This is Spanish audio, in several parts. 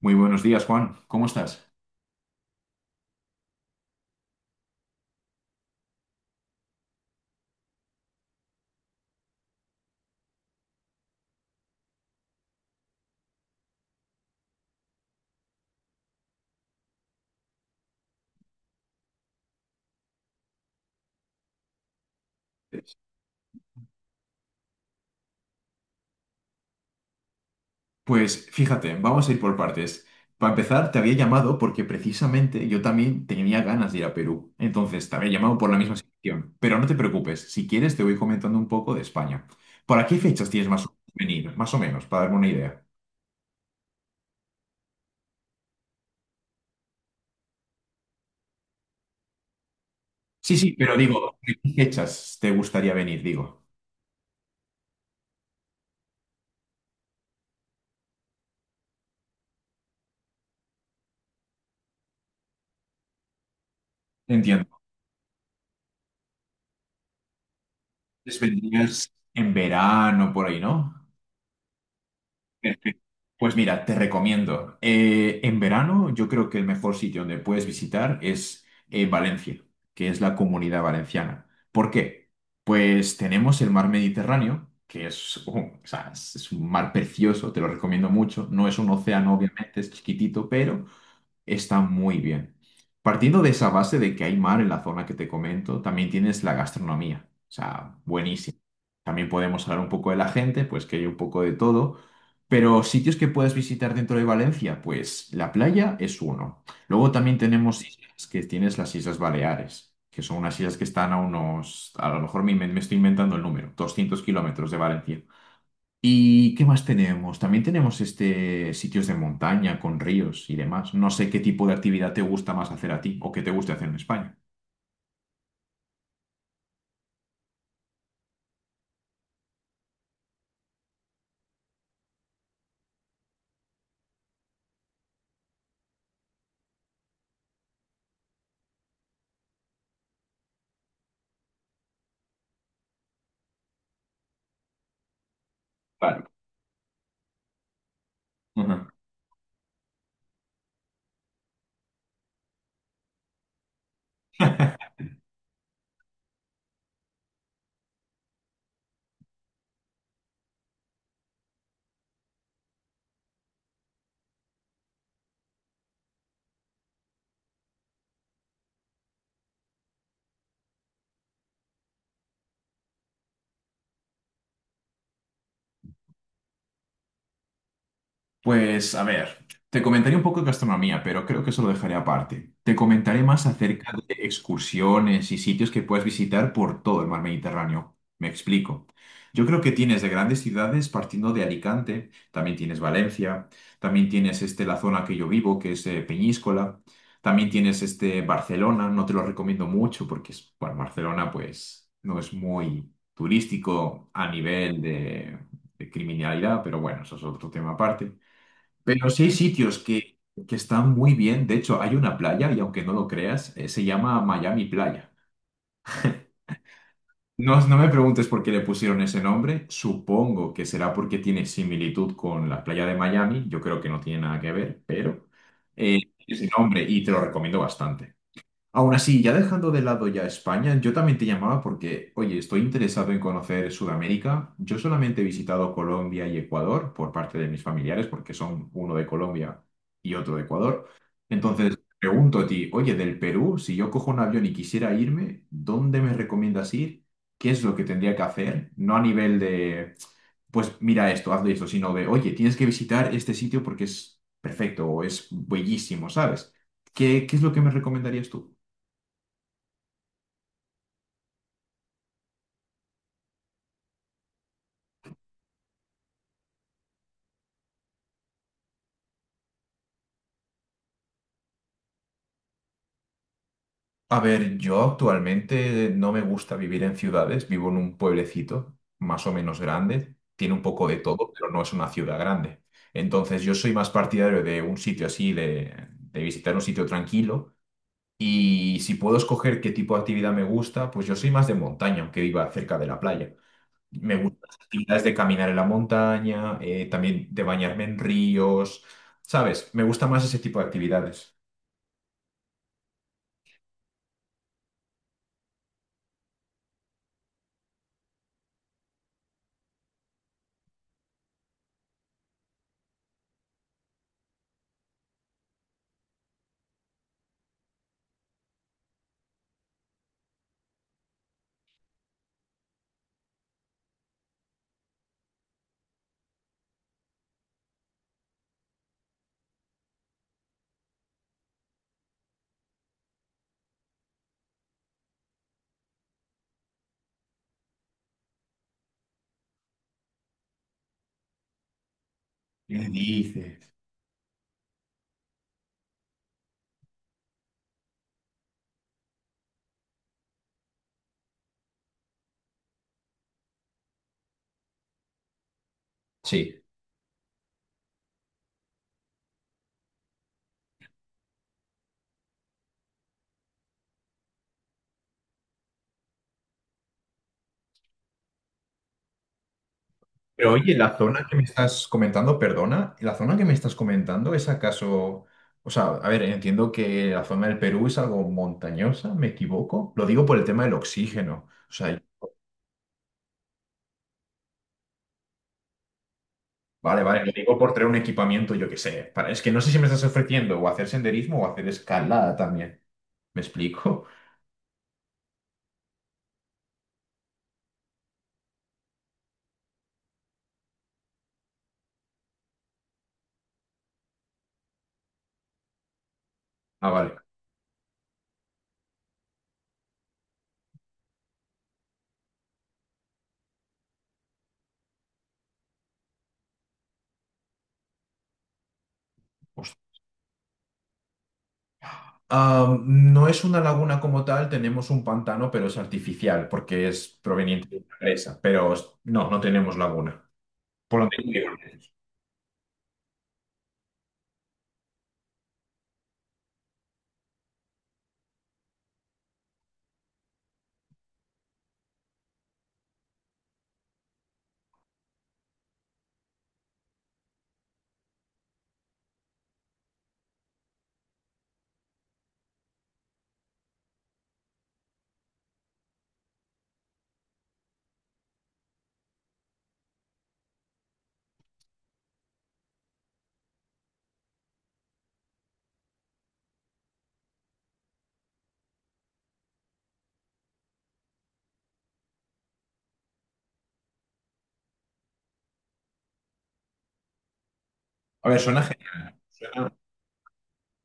Muy buenos días, Juan. ¿Cómo estás? Pues fíjate, vamos a ir por partes. Para empezar, te había llamado porque precisamente yo también tenía ganas de ir a Perú. Entonces, te había llamado por la misma situación. Pero no te preocupes, si quieres te voy comentando un poco de España. ¿Para qué fechas tienes venir? Más o menos, para darme una idea. Sí, sí, pero digo, ¿qué fechas te gustaría venir? Digo. Entiendo. Entonces, vendrías en verano por ahí, ¿no? Pues mira, te recomiendo. En verano yo creo que el mejor sitio donde puedes visitar es Valencia, que es la Comunidad Valenciana. ¿Por qué? Pues tenemos el mar Mediterráneo, o sea, es un mar precioso, te lo recomiendo mucho. No es un océano, obviamente, es chiquitito, pero está muy bien. Partiendo de esa base de que hay mar en la zona que te comento, también tienes la gastronomía, o sea, buenísima. También podemos hablar un poco de la gente, pues que hay un poco de todo. Pero sitios que puedes visitar dentro de Valencia, pues la playa es uno. Luego también tenemos islas, que tienes las Islas Baleares, que son unas islas que están a unos, a lo mejor me estoy inventando el número, 200 kilómetros de Valencia. ¿Y qué más tenemos? También tenemos sitios de montaña con ríos y demás. No sé qué tipo de actividad te gusta más hacer a ti o qué te guste hacer en España. Claro. Ujú. Pues a ver, te comentaré un poco de gastronomía, pero creo que eso lo dejaré aparte. Te comentaré más acerca de excursiones y sitios que puedes visitar por todo el mar Mediterráneo. Me explico. Yo creo que tienes de grandes ciudades, partiendo de Alicante, también tienes Valencia, también tienes la zona que yo vivo, que es Peñíscola, también tienes Barcelona, no te lo recomiendo mucho porque es, bueno, Barcelona pues no es muy turístico a nivel de criminalidad, pero bueno, eso es otro tema aparte. Pero sí hay sitios que están muy bien. De hecho, hay una playa, y aunque no lo creas, se llama Miami Playa. No, no me preguntes por qué le pusieron ese nombre. Supongo que será porque tiene similitud con la playa de Miami. Yo creo que no tiene nada que ver, pero eh, ese nombre y te lo recomiendo bastante. Aún así, ya dejando de lado ya España, yo también te llamaba porque, oye, estoy interesado en conocer Sudamérica. Yo solamente he visitado Colombia y Ecuador por parte de mis familiares, porque son uno de Colombia y otro de Ecuador. Entonces, pregunto a ti, oye, del Perú, si yo cojo un avión y quisiera irme, ¿dónde me recomiendas ir? ¿Qué es lo que tendría que hacer? No a nivel de, pues mira esto, hazlo esto, sino de, oye, tienes que visitar este sitio porque es perfecto o es bellísimo, ¿sabes? ¿Qué, qué es lo que me recomendarías tú? A ver, yo actualmente no me gusta vivir en ciudades, vivo en un pueblecito más o menos grande, tiene un poco de todo, pero no es una ciudad grande. Entonces yo soy más partidario de un sitio así, de visitar un sitio tranquilo y si puedo escoger qué tipo de actividad me gusta, pues yo soy más de montaña, aunque viva cerca de la playa. Me gustan las actividades de caminar en la montaña, también de bañarme en ríos, ¿sabes? Me gusta más ese tipo de actividades. ¿Qué dices? Sí. Pero oye, la zona que me estás comentando, perdona, la zona que me estás comentando es acaso, o sea, a ver, entiendo que la zona del Perú es algo montañosa, ¿me equivoco? Lo digo por el tema del oxígeno. O sea, vale, vale, lo digo por traer un equipamiento, yo qué sé. Para, es que no sé si me estás ofreciendo o hacer senderismo o hacer escalada también. ¿Me explico? Ah, vale. Hostia. Ah, no es una laguna como tal, tenemos un pantano, pero es artificial porque es proveniente de una presa, pero no, no tenemos laguna. Por lo tanto, a ver,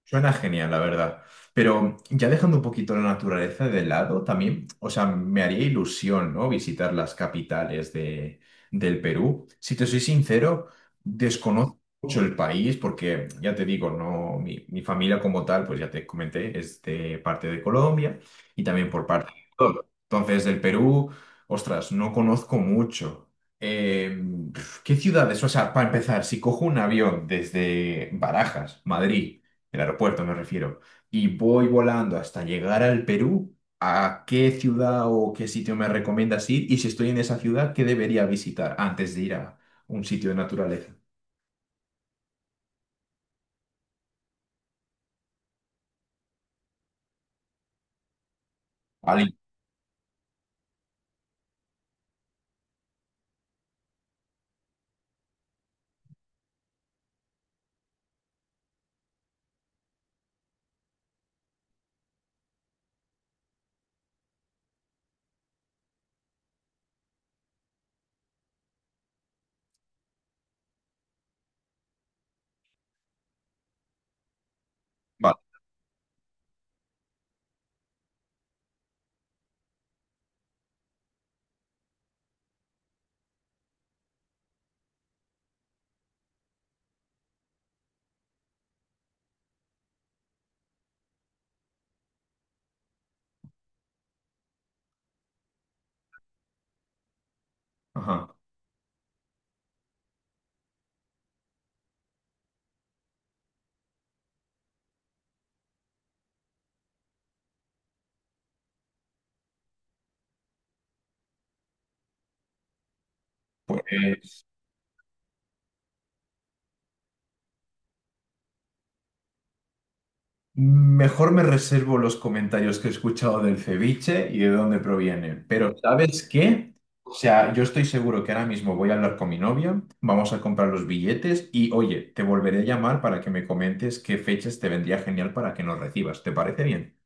suena genial, la verdad. Pero ya dejando un poquito la naturaleza de lado, también, o sea, me haría ilusión, ¿no? Visitar las capitales del Perú. Si te soy sincero, desconozco mucho el país porque, ya te digo, no, mi familia como tal, pues ya te comenté, es de parte de Colombia y también por parte entonces, del Perú, ostras, no conozco mucho. Eh, Pf, ¿qué ciudades? O sea, para empezar, si cojo un avión desde Barajas, Madrid, el aeropuerto me refiero, y voy volando hasta llegar al Perú, ¿a qué ciudad o qué sitio me recomiendas ir? Y si estoy en esa ciudad, ¿qué debería visitar antes de ir a un sitio de naturaleza? Vale, vale. Ajá. Pues mejor me reservo los comentarios que he escuchado del ceviche y de dónde proviene. Pero ¿sabes qué? O sea, yo estoy seguro que ahora mismo voy a hablar con mi novia, vamos a comprar los billetes y oye, te volveré a llamar para que me comentes qué fechas te vendría genial para que nos recibas. ¿Te parece bien?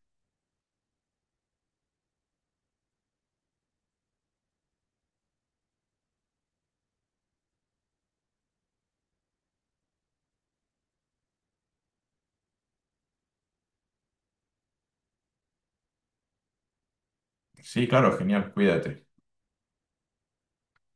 Sí, claro, genial, cuídate.